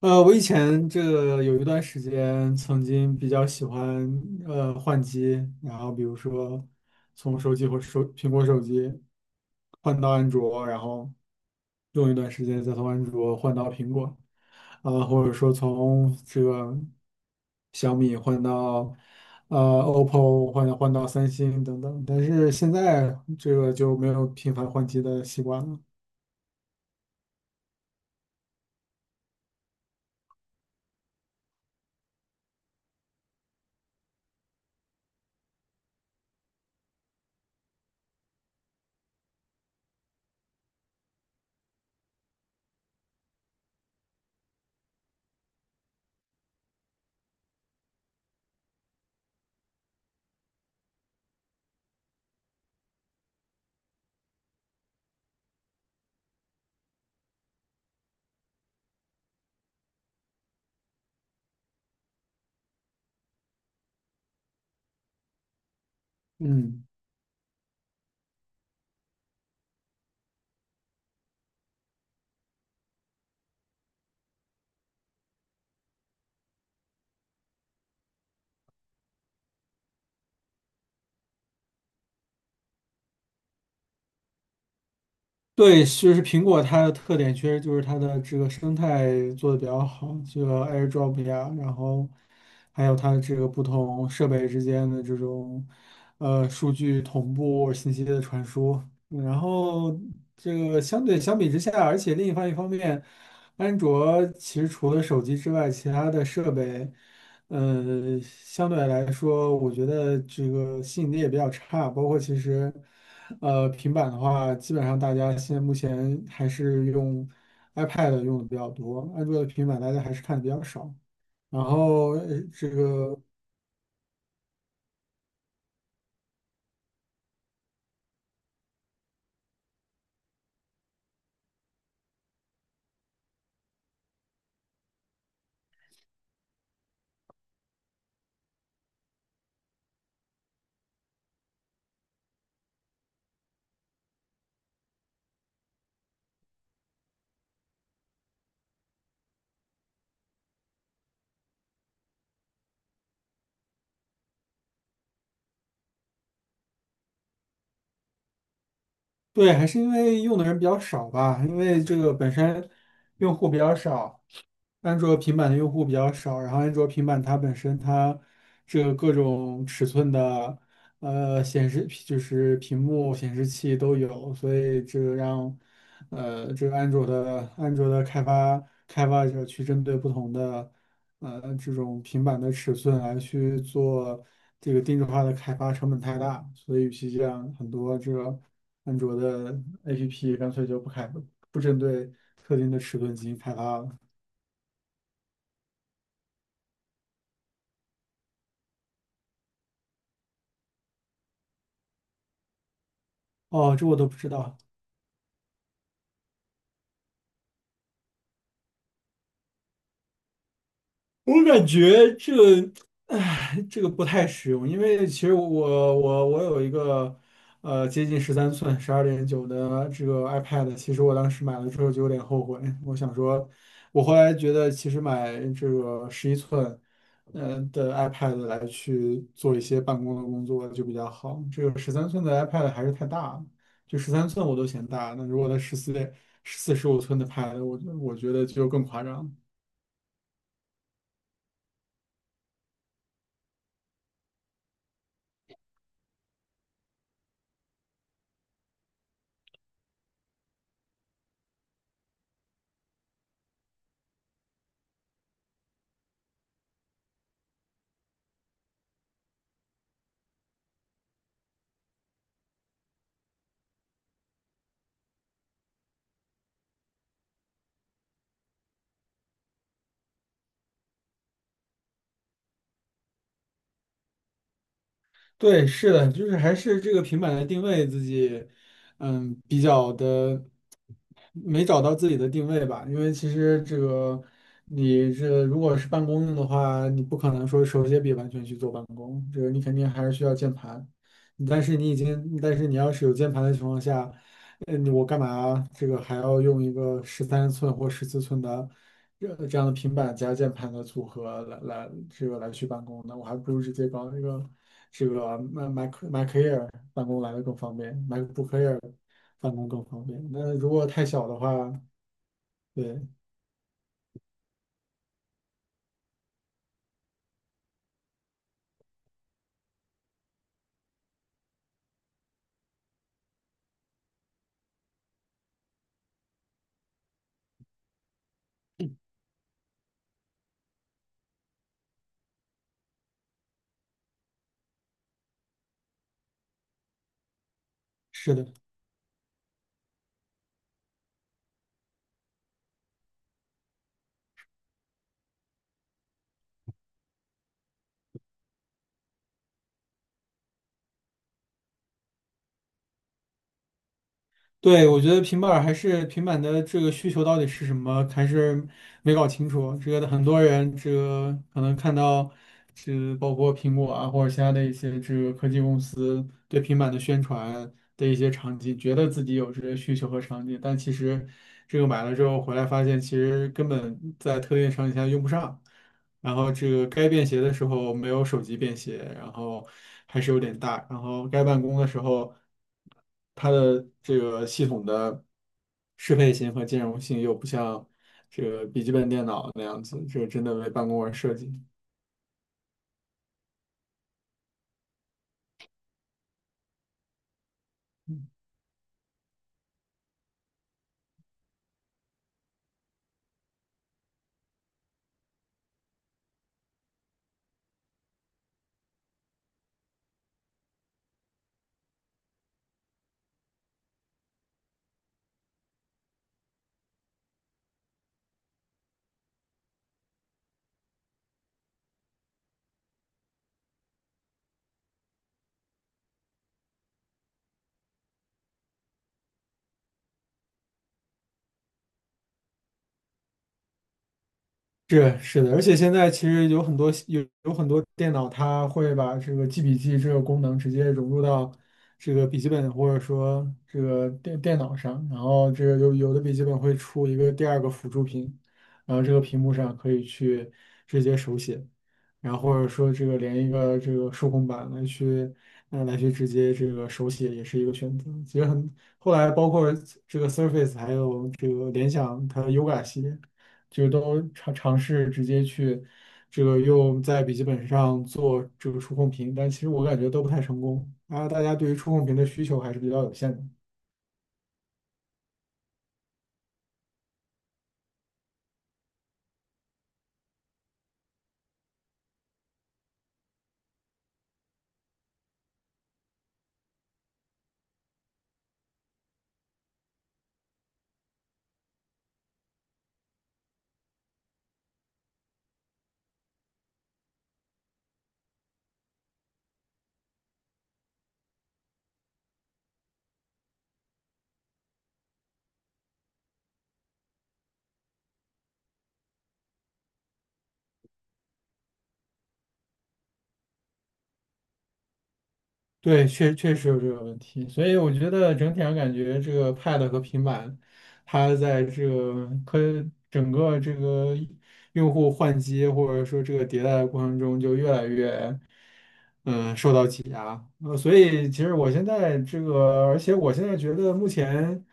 我以前这个有一段时间曾经比较喜欢换机，然后比如说从手机或手苹果手机换到安卓，然后用一段时间再从安卓换到苹果，啊、或者说从这个小米换到OPPO 换到三星等等，但是现在这个就没有频繁换机的习惯了。嗯。对，就是苹果它的特点确实就是它的这个生态做的比较好，这个 AirDrop 呀，然后还有它的这个不同设备之间的这种数据同步、信息的传输，嗯然后这个相比之下，而且另一方面，安卓其实除了手机之外，其他的设备。嗯，相对来说，我觉得这个吸引力也比较差。包括其实，平板的话，基本上大家现在目前还是用 iPad 用的比较多，安卓的平板大家还是看的比较少。然后，对，还是因为用的人比较少吧，因为这个本身用户比较少。安卓平板的用户比较少，然后安卓平板它本身它这个各种尺寸的显示就是屏幕显示器都有，所以这个让安卓的开发者去针对不同的这种平板的尺寸来去做这个定制化的开发，成本太大，所以与其这样，很多这个安卓的 APP 干脆就不开不针对特定的尺寸进行开发了。哦，这我都不知道。我感觉这个，唉，这个不太实用，因为其实我我有一个接近13寸12.9的这个 iPad,其实我当时买了之后就有点后悔，我想说，我后来觉得其实买这个11寸的 iPad 来去做一些办公的工作就比较好，这个十三寸的 iPad 还是太大了，就十三寸我都嫌大，那如果它14 15寸的 Pad,我觉得就更夸张。对，是的，就是还是这个平板的定位自己，嗯，比较的。没找到自己的定位吧，因为其实这个你这如果是办公用的话，你不可能说手写笔完全去做办公，这个你肯定还是需要键盘。但是你已经，但是你要是有键盘的情况下，呃，你我干嘛这个还要用一个13寸或14寸的这样的平板加键盘的组合来来这个来去办公呢？我还不如直接搞一个这个 Mac Air 办公来的更方便，MacBook Air 办公更方便。那如果太小的话，对，是的，对，我觉得平板儿还是平板的这个需求到底是什么，还是没搞清楚。这个很多人，这个可能看到，是包括苹果啊或者其他的一些这个科技公司对平板的宣传的一些场景，觉得自己有这些需求和场景，但其实这个买了之后回来发现，其实根本在特定场景下用不上。然后这个该便携的时候没有手机便携，然后还是有点大，然后该办公的时候，它的这个系统的适配性和兼容性又不像这个笔记本电脑那样子，这个真的为办公而设计。是是的，而且现在其实有有很多电脑，它会把这个记笔记这个功能直接融入到这个笔记本或者说这个电脑上，然后这个有的笔记本会出一个第二个辅助屏，然后这个屏幕上可以去直接手写，然后或者说这个连一个这个数控板来去直接这个手写也是一个选择。其实很后来包括这个 Surface 还有这个联想它的 Yoga 系列。就都尝试直接去这个用在笔记本上做这个触控屏，但其实我感觉都不太成功啊。然后大家对于触控屏的需求还是比较有限的。对，确实有这个问题，所以我觉得整体上感觉这个 Pad 和平板，它在这个整个这个用户换机或者说这个迭代的过程中，就越来越，所以其实我现在这个，而且我现在觉得目前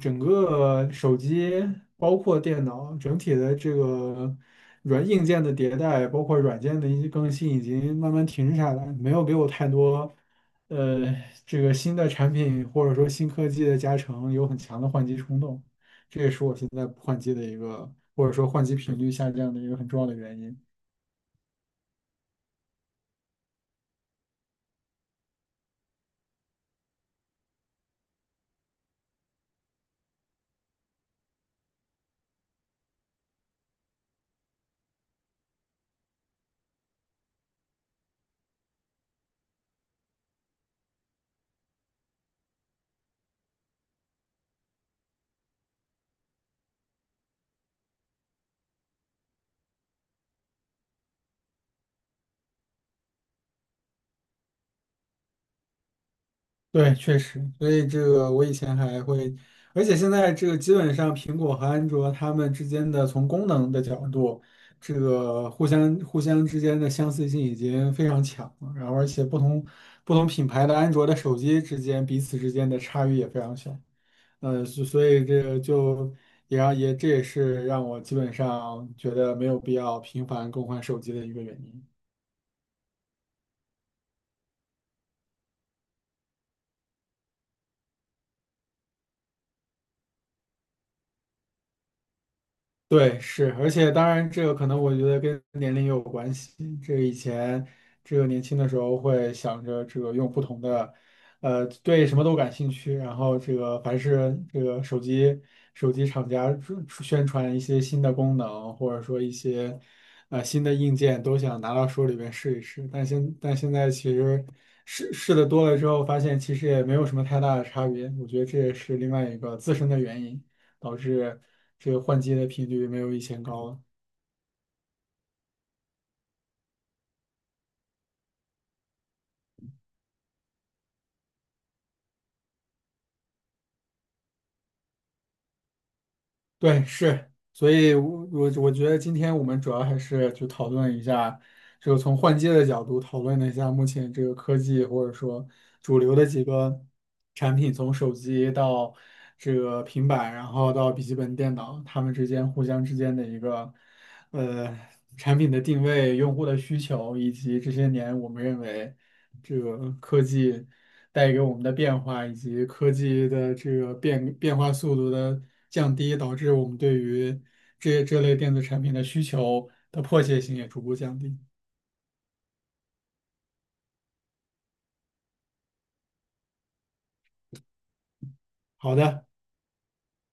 整个手机包括电脑整体的这个软硬件的迭代，包括软件的一些更新，已经慢慢停滞下来，没有给我太多呃这个新的产品或者说新科技的加成有很强的换机冲动，这也是我现在不换机的一个或者说换机频率下降的一个很重要的原因。对，确实，所以这个我以前还会，而且现在这个基本上苹果和安卓它们之间的从功能的角度，这个互相之间的相似性已经非常强了，然后而且不同品牌的安卓的手机之间彼此之间的差异也非常小，所以这个就也这也是让我基本上觉得没有必要频繁更换手机的一个原因。对，是，而且当然，这个可能我觉得跟年龄也有关系。这个以前，这个年轻的时候会想着这个用不同的，呃，对什么都感兴趣，然后这个凡是这个手机厂家出宣传一些新的功能，或者说一些新的硬件，都想拿到手里边试一试。但现在其实试试的多了之后，发现其实也没有什么太大的差别。我觉得这也是另外一个自身的原因。导致这个换机的频率没有以前高了。对，是，所以我我觉得今天我们主要还是就讨论一下，就从换机的角度讨论了一下目前这个科技或者说主流的几个产品，从手机到这个平板，然后到笔记本电脑，它们之间互相之间的一个。呃，产品的定位、用户的需求，以及这些年我们认为这个科技带给我们的变化，以及科技的这个变化速度的降低，导致我们对于这类电子产品的需求的迫切性也逐步降低。好的。